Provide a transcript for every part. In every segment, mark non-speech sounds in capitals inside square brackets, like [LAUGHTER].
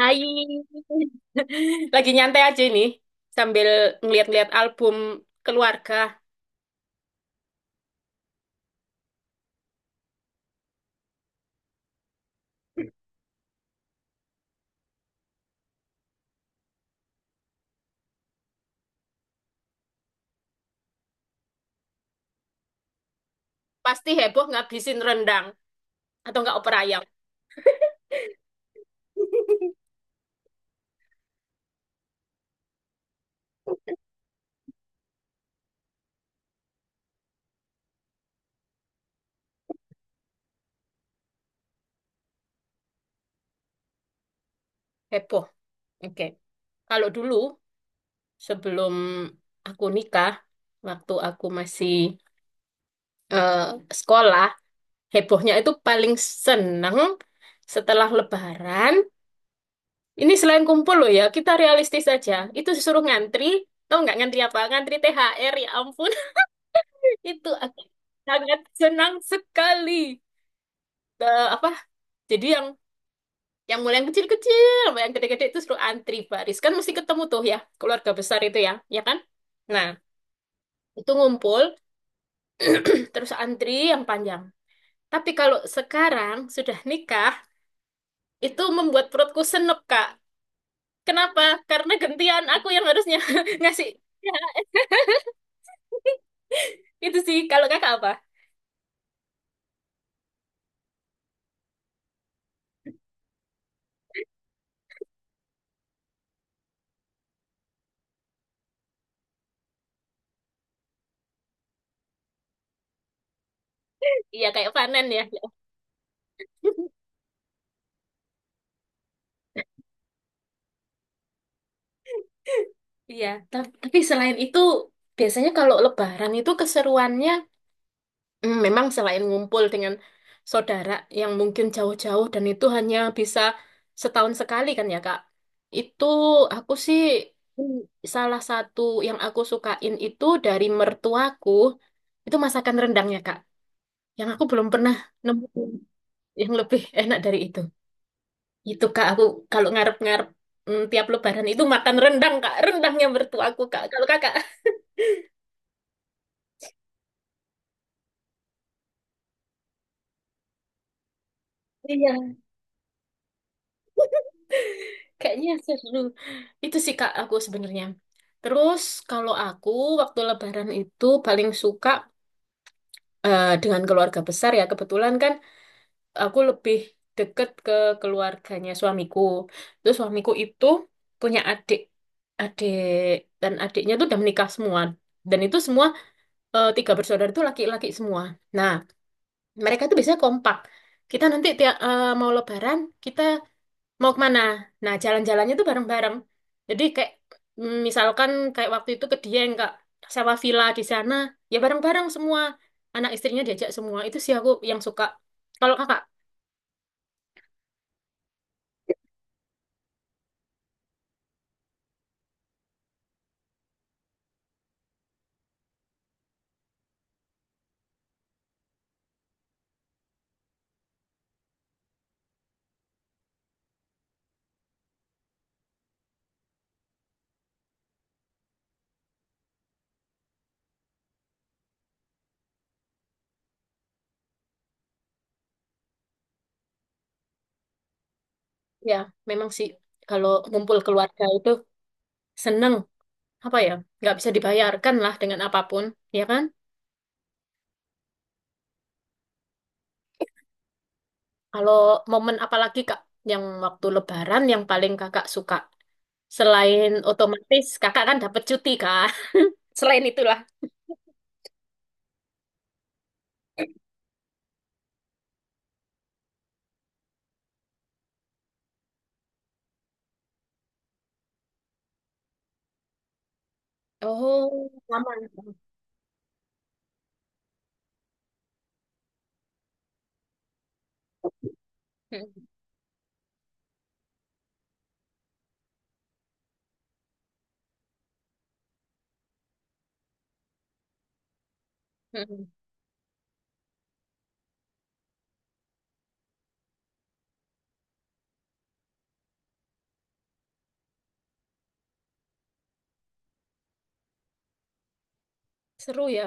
Hai. [LAUGHS] Lagi nyantai aja ini sambil ngeliat-ngeliat album keluarga. Pasti heboh ngabisin rendang atau nggak opor ayam. Heboh. Oke. Kalau dulu sebelum aku nikah, waktu aku masih eh, sekolah, hebohnya itu paling seneng setelah Lebaran. Ini selain kumpul loh ya, kita realistis aja. Itu disuruh ngantri, tau nggak ngantri apa? Ngantri THR ya ampun. Itu aku sangat senang sekali. Eh, apa? Jadi yang mulai yang kecil-kecil, sampai yang gede-gede itu suruh antri baris. Kan mesti ketemu tuh ya, keluarga besar itu ya, ya kan? Nah, itu ngumpul, [CLEARS THROAT] terus antri yang panjang. Tapi kalau sekarang sudah nikah, itu membuat perutku senep, Kak. Kenapa? Karena gantian aku yang harusnya [LAUGHS] ngasih. Ya, [LAUGHS] itu sih, kalau kakak apa? Iya, kayak panen ya. [LAUGHS] Iya, tapi selain itu, biasanya kalau Lebaran itu keseruannya memang selain ngumpul dengan saudara yang mungkin jauh-jauh dan itu hanya bisa setahun sekali kan ya Kak. Itu aku sih, mm, salah satu yang aku sukain itu dari mertuaku itu masakan rendangnya Kak. Yang aku belum pernah nemuin yang lebih enak dari itu. Itu Kak aku kalau ngarep-ngarep tiap Lebaran itu makan rendang Kak. Rendangnya mertuaku Kak. Kalau Kakak. Iya. Kayaknya seru. Itu sih Kak aku sebenarnya. Terus kalau aku waktu Lebaran itu paling suka, dengan keluarga besar ya. Kebetulan kan aku lebih deket ke keluarganya suamiku. Terus suamiku itu punya adik, adik dan adiknya tuh udah menikah semua. Dan itu semua tiga bersaudara itu laki-laki semua. Nah mereka itu biasanya kompak. Kita nanti tiap mau Lebaran kita mau kemana? Nah, jalan-jalannya tuh bareng-bareng. Jadi kayak, misalkan kayak waktu itu ke Dieng, Kak, sewa villa di sana, ya bareng-bareng semua. Anak istrinya diajak semua. Itu sih aku yang suka. Kalau Kakak, ya memang sih kalau ngumpul keluarga itu seneng, apa ya? Nggak bisa dibayarkan lah dengan apapun, ya kan? Kalau momen apalagi Kak yang waktu Lebaran yang paling Kakak suka? Selain otomatis Kakak kan dapat cuti, Kak. [LAUGHS] Selain itulah. Oh, sama. Mm-mm. Seru ya.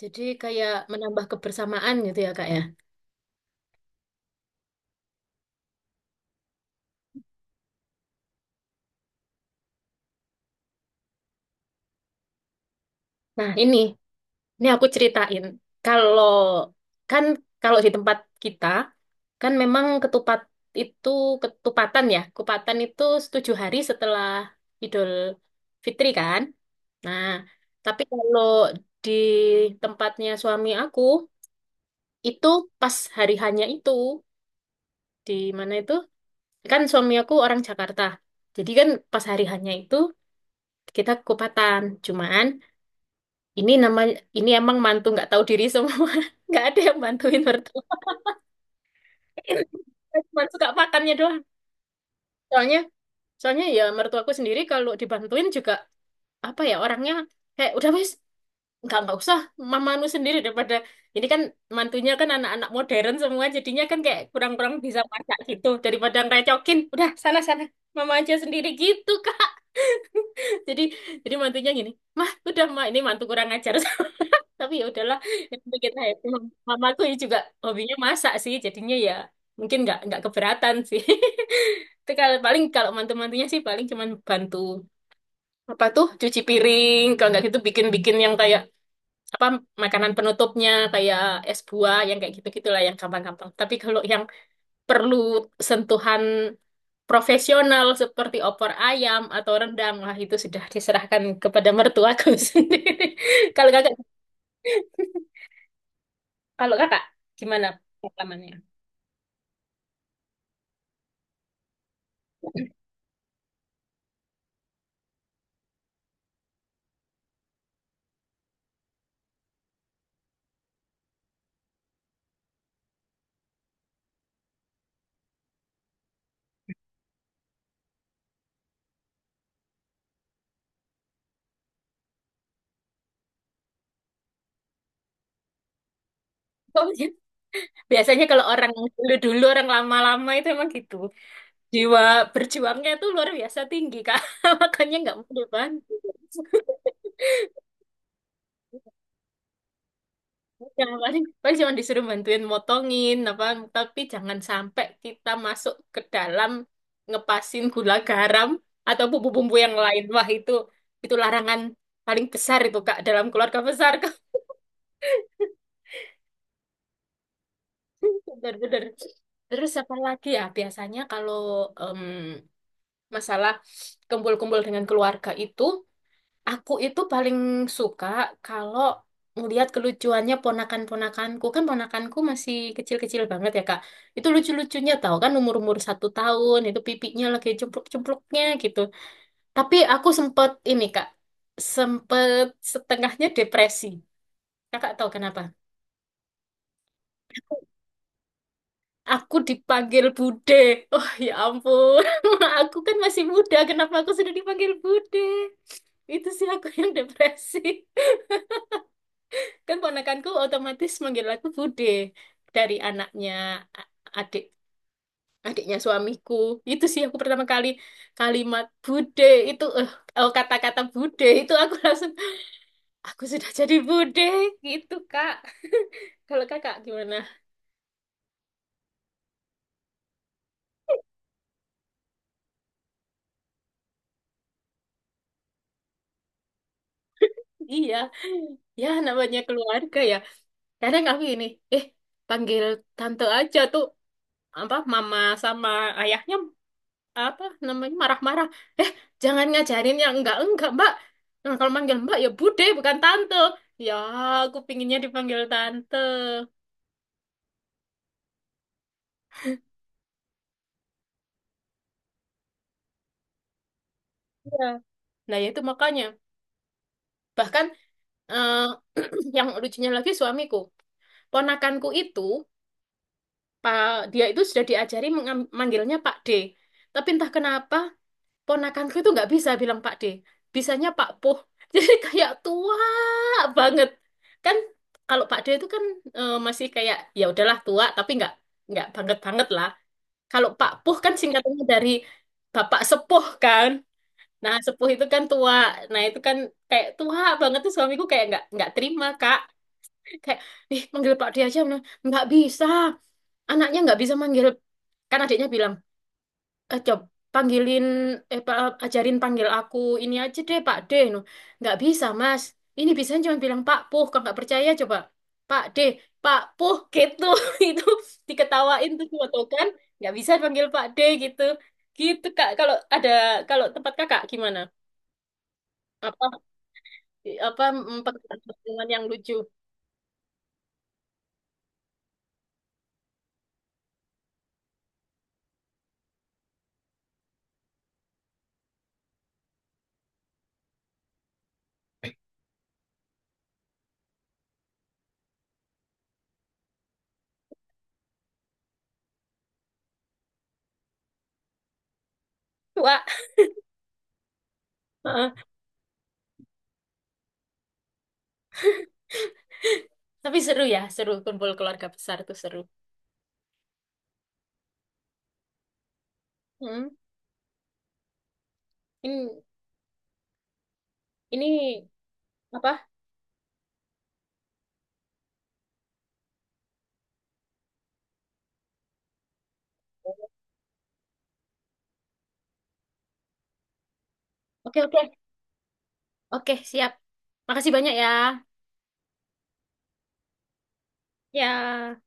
Jadi kayak menambah kebersamaan gitu ya, Kak ya. Nah, ini aku ceritain. Kalau kan kalau di tempat kita kan memang ketupat itu ketupatan ya. Kupatan itu tujuh hari setelah Idul Fitri kan. Nah, tapi kalau di tempatnya suami aku itu pas hari hanya itu di mana itu kan suami aku orang Jakarta. Jadi kan pas hari hanya itu kita kupatan, cuman ini namanya ini emang mantu nggak tahu diri semua. [LAUGHS] Nggak ada yang bantuin mertua. [LAUGHS] Cuma suka makannya doang, soalnya soalnya ya mertuaku sendiri kalau dibantuin juga, apa ya, orangnya kayak udah wis nggak usah, mamanu sendiri daripada ini, kan mantunya kan anak-anak modern semua, jadinya kan kayak kurang-kurang bisa masak gitu, daripada ngerecokin udah sana sana mama aja sendiri gitu kan. [LAUGHS] jadi jadi mantunya gini mah, udah mah ini mantu kurang ajar. [LAUGHS] Tapi ya udahlah, yang penting kita happy. Mamaku ya juga hobinya masak sih, jadinya ya mungkin nggak keberatan sih. [LAUGHS] Itu kalau paling kalau mantu-mantunya sih paling cuman bantu apa tuh cuci piring, kalau nggak gitu bikin-bikin yang kayak apa, makanan penutupnya kayak es buah yang kayak gitu-gitulah, yang gampang-gampang. Tapi kalau yang perlu sentuhan profesional seperti opor ayam atau rendang, wah itu sudah diserahkan kepada mertuaku [LAUGHS] sendiri. Kalau kakak Kalau kakak, gimana pengalamannya? Oh, iya. Biasanya kalau orang dulu-dulu, orang lama-lama itu emang gitu. Jiwa berjuangnya tuh luar biasa tinggi, Kak. [LAUGHS] Makanya nggak mau dibantu. Ya, paling, paling cuma disuruh bantuin motongin, apa, tapi jangan sampai kita masuk ke dalam ngepasin gula garam atau bumbu-bumbu yang lain. Wah, itu larangan paling besar itu, Kak, dalam keluarga besar, Kak. [LAUGHS] Benar-benar. Terus apa lagi ya? Biasanya kalau, em, masalah kumpul-kumpul dengan keluarga itu, aku itu paling suka kalau ngelihat kelucuannya ponakan-ponakanku. Kan ponakanku masih kecil-kecil banget ya, Kak. Itu lucu-lucunya tahu kan umur-umur satu tahun, itu pipinya lagi cempluk-cempluknya gitu. Tapi aku sempet ini, Kak, sempet setengahnya depresi. Kakak tahu kenapa? Aku dipanggil Bude. Oh ya ampun, [LAUGHS] aku kan masih muda. Kenapa aku sudah dipanggil Bude? Itu sih aku yang depresi. [LAUGHS] Kan ponakanku otomatis manggil aku Bude, dari anaknya a- adik adiknya suamiku. Itu sih aku pertama kali kalimat Bude itu, oh, kata-kata Bude itu aku [LAUGHS] langsung aku sudah jadi Bude gitu, Kak. Kalau Kakak gimana? Iya, ya namanya keluarga ya. Kadang aku ini, eh panggil tante aja tuh, apa mama sama ayahnya apa namanya marah-marah, eh jangan ngajarin yang enggak mbak. Nah, kalau manggil mbak ya bude bukan tante ya, aku pinginnya dipanggil tante. Iya. Nah ya itu makanya, bahkan eh, [CLEARS THROAT] yang lucunya lagi suamiku, ponakanku itu pak, dia itu sudah diajari manggilnya Pak D, tapi entah kenapa ponakanku itu nggak bisa bilang Pak D, bisanya Pak Puh. [LAUGHS] Jadi kayak tua banget kan. Kalau Pak D itu kan, masih kayak ya udahlah tua tapi nggak banget banget lah. Kalau Pak Puh kan singkatannya dari Bapak Sepuh kan. Nah sepuh itu kan tua. Nah itu kan kayak tua banget tuh, suamiku kayak nggak terima kak, kayak ih manggil Pak D aja. Nah, nggak bisa, anaknya nggak bisa manggil. Kan adiknya bilang, coba panggilin, eh pa- ajarin panggil aku ini aja deh Pak D no. Nggak bisa Mas, ini bisa cuma bilang Pak Puh. Kalau nggak percaya coba, Pak D, Pak Puh gitu. [LAUGHS] Itu diketawain tuh waktu itu kan nggak bisa panggil Pak D gitu. Gitu Kak kalau ada. Kalau tempat Kakak gimana, apa apa pekerjaan yang lucu. Wah. Heeh. Tapi seru ya, seru kumpul keluarga besar tuh seru. Hmm. ini ini apa. Oke, oke. Oke, siap. Makasih banyak ya. Ya.